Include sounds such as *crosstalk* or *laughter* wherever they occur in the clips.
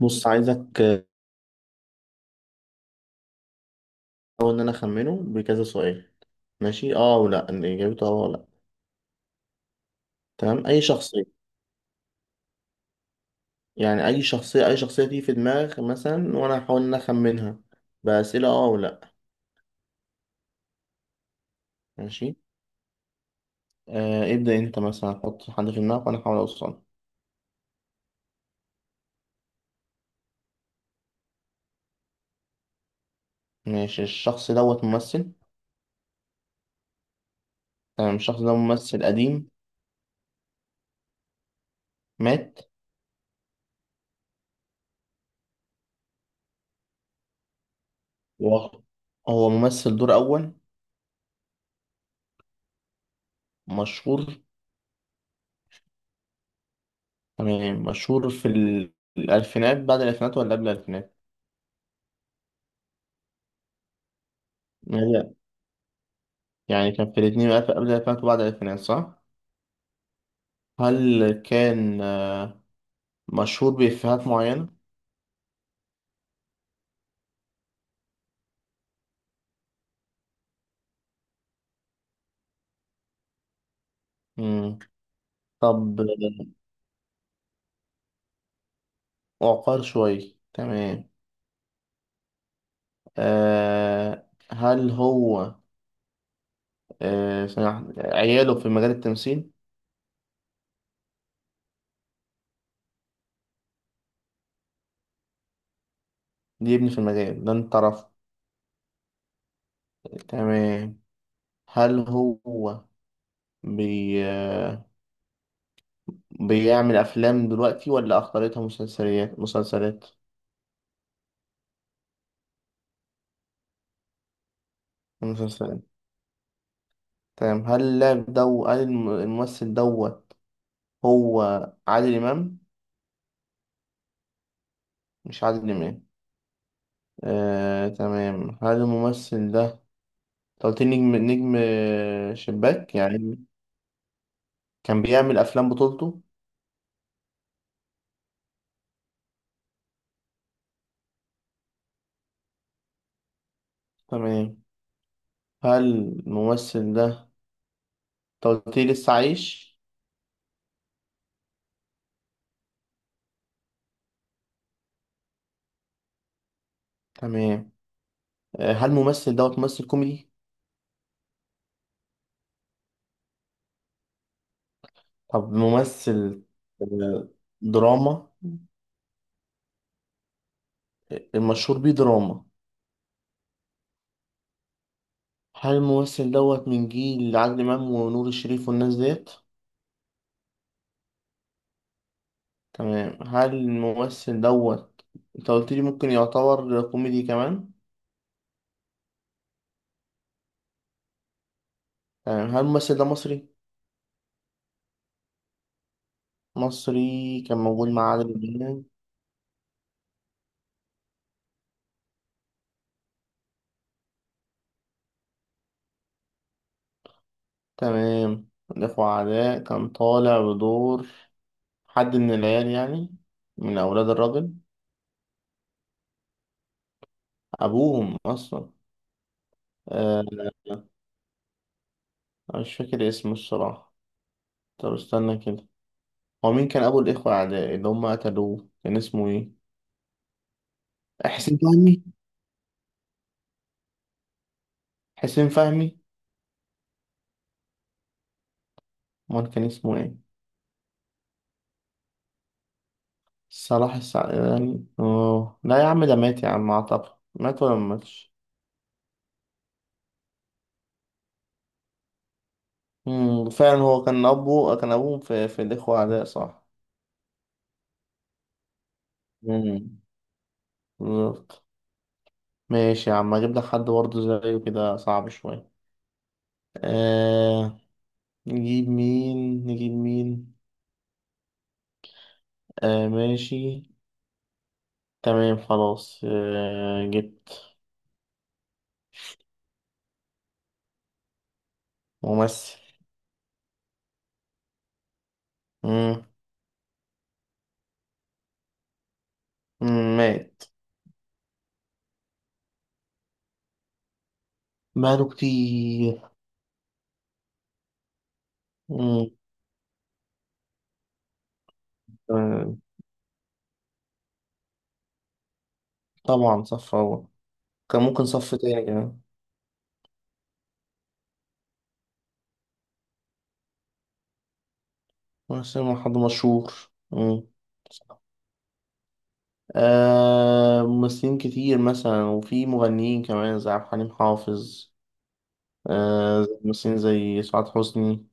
بص عايزك أول إن أنا أخمنه بكذا سؤال، ماشي أه ولا إن إجابته أه ولا لأ. تمام، أي شخصية، يعني أي شخصية تيجي في دماغك مثلا، وأنا هحاول إن أنا أخمنها بأسئلة أه ولا. ماشي ابدأ أنت مثلا، حط حد في دماغك وأنا أحاول أوصله. ماشي، الشخص دوت ممثل؟ تمام، الشخص ده ممثل قديم مات. و- هو ممثل دور أول مشهور؟ تمام، مشهور في الألفينات، بعد الألفينات ولا قبل الألفينات؟ يعني كان في 2000، قبل الألفينات وبعد الألفينات، صح؟ هل كان مشهور بإفيهات معينة؟ مم. طب وقار شوي، تمام. هل هو عياله في مجال التمثيل؟ دي ابني في المجال ده انت رفض. تمام، هل هو بي... آه، بيعمل أفلام دلوقتي ولا أخطرتها مسلسلات؟ مسلسلات. تمام، هل اللاعب دو هل الم- الممثل دوت هو عادل إمام؟ مش عادل إمام. تمام، هل الممثل ده، أنت قلت لي نجم شباك يعني، كان بيعمل أفلام بطولته؟ تمام، هل الممثل ده، أنت قلت لي لسه عايش؟ تمام. هل الممثل دوت ممثل كوميدي؟ طب ممثل آه، دراما؟ المشهور بيه دراما؟ هل الممثل دوت من جيل عادل إمام ونور الشريف والناس ديت؟ تمام، هل الممثل دوت، انت قلت لي ممكن يعتبر كوميدي كمان؟ تمام، هل الممثل ده مصري؟ مصري كان موجود مع عادل إمام. تمام، الإخوة عداء، كان طالع بدور حد من العيال يعني؟ من أولاد الراجل؟ أبوهم أصلا؟ أه. مش فاكر اسمه الصراحة. طب استنى كده، هو مين كان أبو الإخوة أعداء اللي هم قتلوه، كان اسمه إيه؟ حسين فهمي؟ حسين فهمي أمال كان اسمه إيه؟ صلاح السعداني؟ أوه لا يا عم، ده مات يا عم، أعتقد مات ولا ما ماتش؟ مم، فعلا هو كان أبوه، كان أبوهم في الإخوة أعداء، صح؟ مم. بالظبط. ماشي يا عم، أجيب لك حد برضه زيه، كده صعب شوية. آه نجيب مين. مين؟ ماشي. تمام خلاص، جبت ممثل. مم. مم. مات. ماله كتير. مم. آه طبعا صف أول، كان ممكن صف تاني كمان. بس هو حد مشهور. مم. ممثلين كتير مثلا، وفي مغنيين كمان زي عبد الحليم حافظ، زي ممثلين زي سعاد حسني.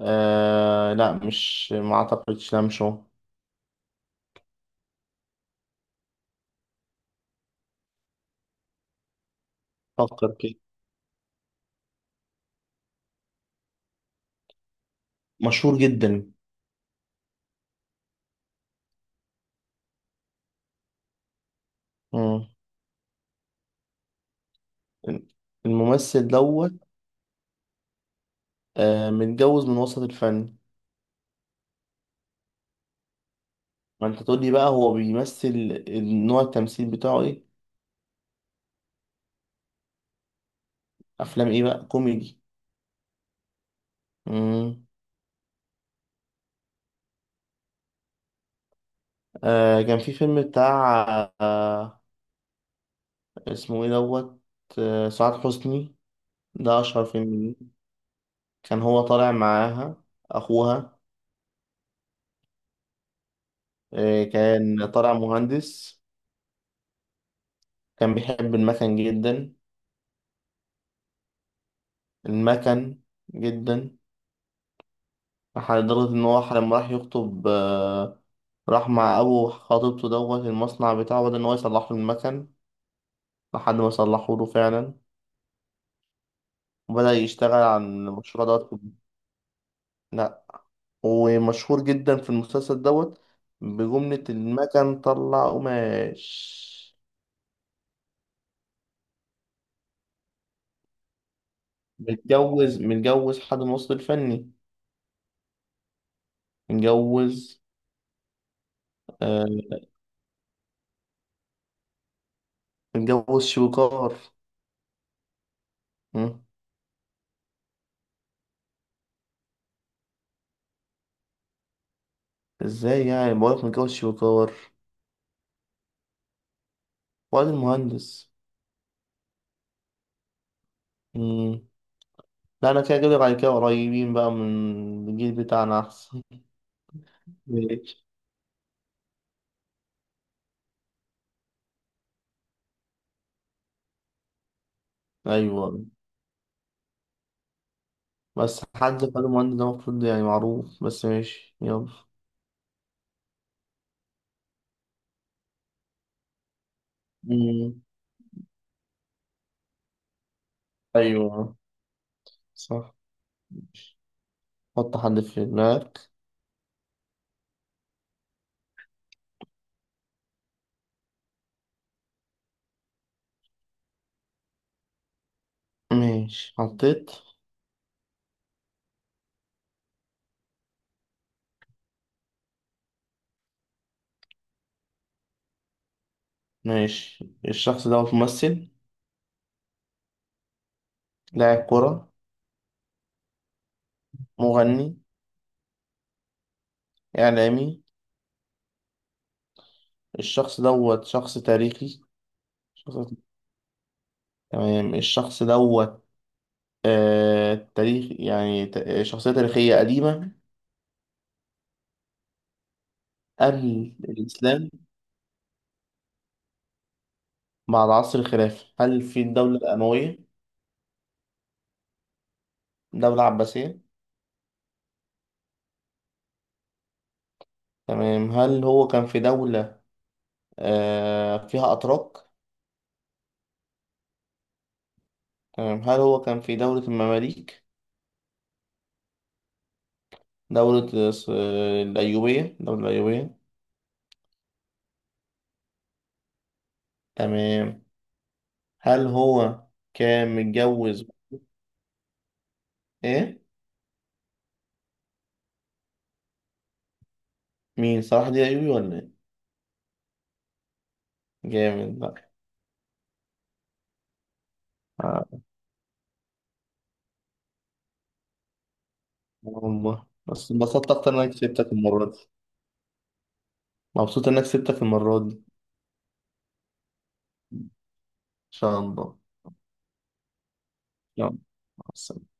لا مش، ما اعتقدش لمشو. فكر كده، مشهور جدا. مم. الممثل دوت متجوز من وسط الفن. ما انت تقول لي بقى هو بيمثل، نوع التمثيل بتاعه ايه؟ افلام ايه بقى، كوميدي؟ مم. كان في فيلم بتاع، آه اسمه ايه دوت، سعاد حسني، ده أشهر فيلم ليه. كان هو طالع معاها أخوها. كان طالع مهندس، كان بيحب المكن جدا، المكن جدا لدرجة إن هو لما راح يخطب راح مع أبو خطيبته دوت المصنع بتاعه، بدأ إن هو يصلح له المكن لحد ما صلحه له فعلا، وبدأ يشتغل على المشروع دوت. لأ، ومشهور جدا في المسلسل دوت بجملة "المكن طلع قماش". متجوز، حد من الوسط الفني، متجوز، آه متجوز شويكار. مم. ازاي يعني بقولك متجوز شويكار؟ واد المهندس. مم. لا انا كده جايب لك على كده، قريبين بقى من الجيل بتاعنا احسن. *laughs* ماشي. ايوه، بس حد خد المهندس ده المفروض يعني معروف، بس ماشي يلا. مم. ايوه. صح، حط حد في دماغك. ماشي حطيت. ماشي، الشخص ده ممثل؟ لاعب كرة؟ مغني؟ إعلامي؟ الشخص دوت شخص تاريخي؟ شخص... تمام، الشخص دوت شخصية تاريخية قديمة؟ قبل الإسلام؟ مع العصر الخلافي، هل في الدولة الأموية؟ دولة عباسية؟ تمام، هل هو كان في دولة فيها أتراك؟ تمام، هل هو كان في دولة المماليك؟ دولة الس- الأيوبية، دولة الأيوبية؟ تمام، هل هو كان متجوز؟ إيه؟ مين، صلاح دي ايوبي ولا ايه؟ جامد بقى. آه والله، بس انبسطت اكتر انك كسبتك المرة دي، مبسوط انك كسبتك المرة دي. ان شاء الله. يلا، مع السلامة.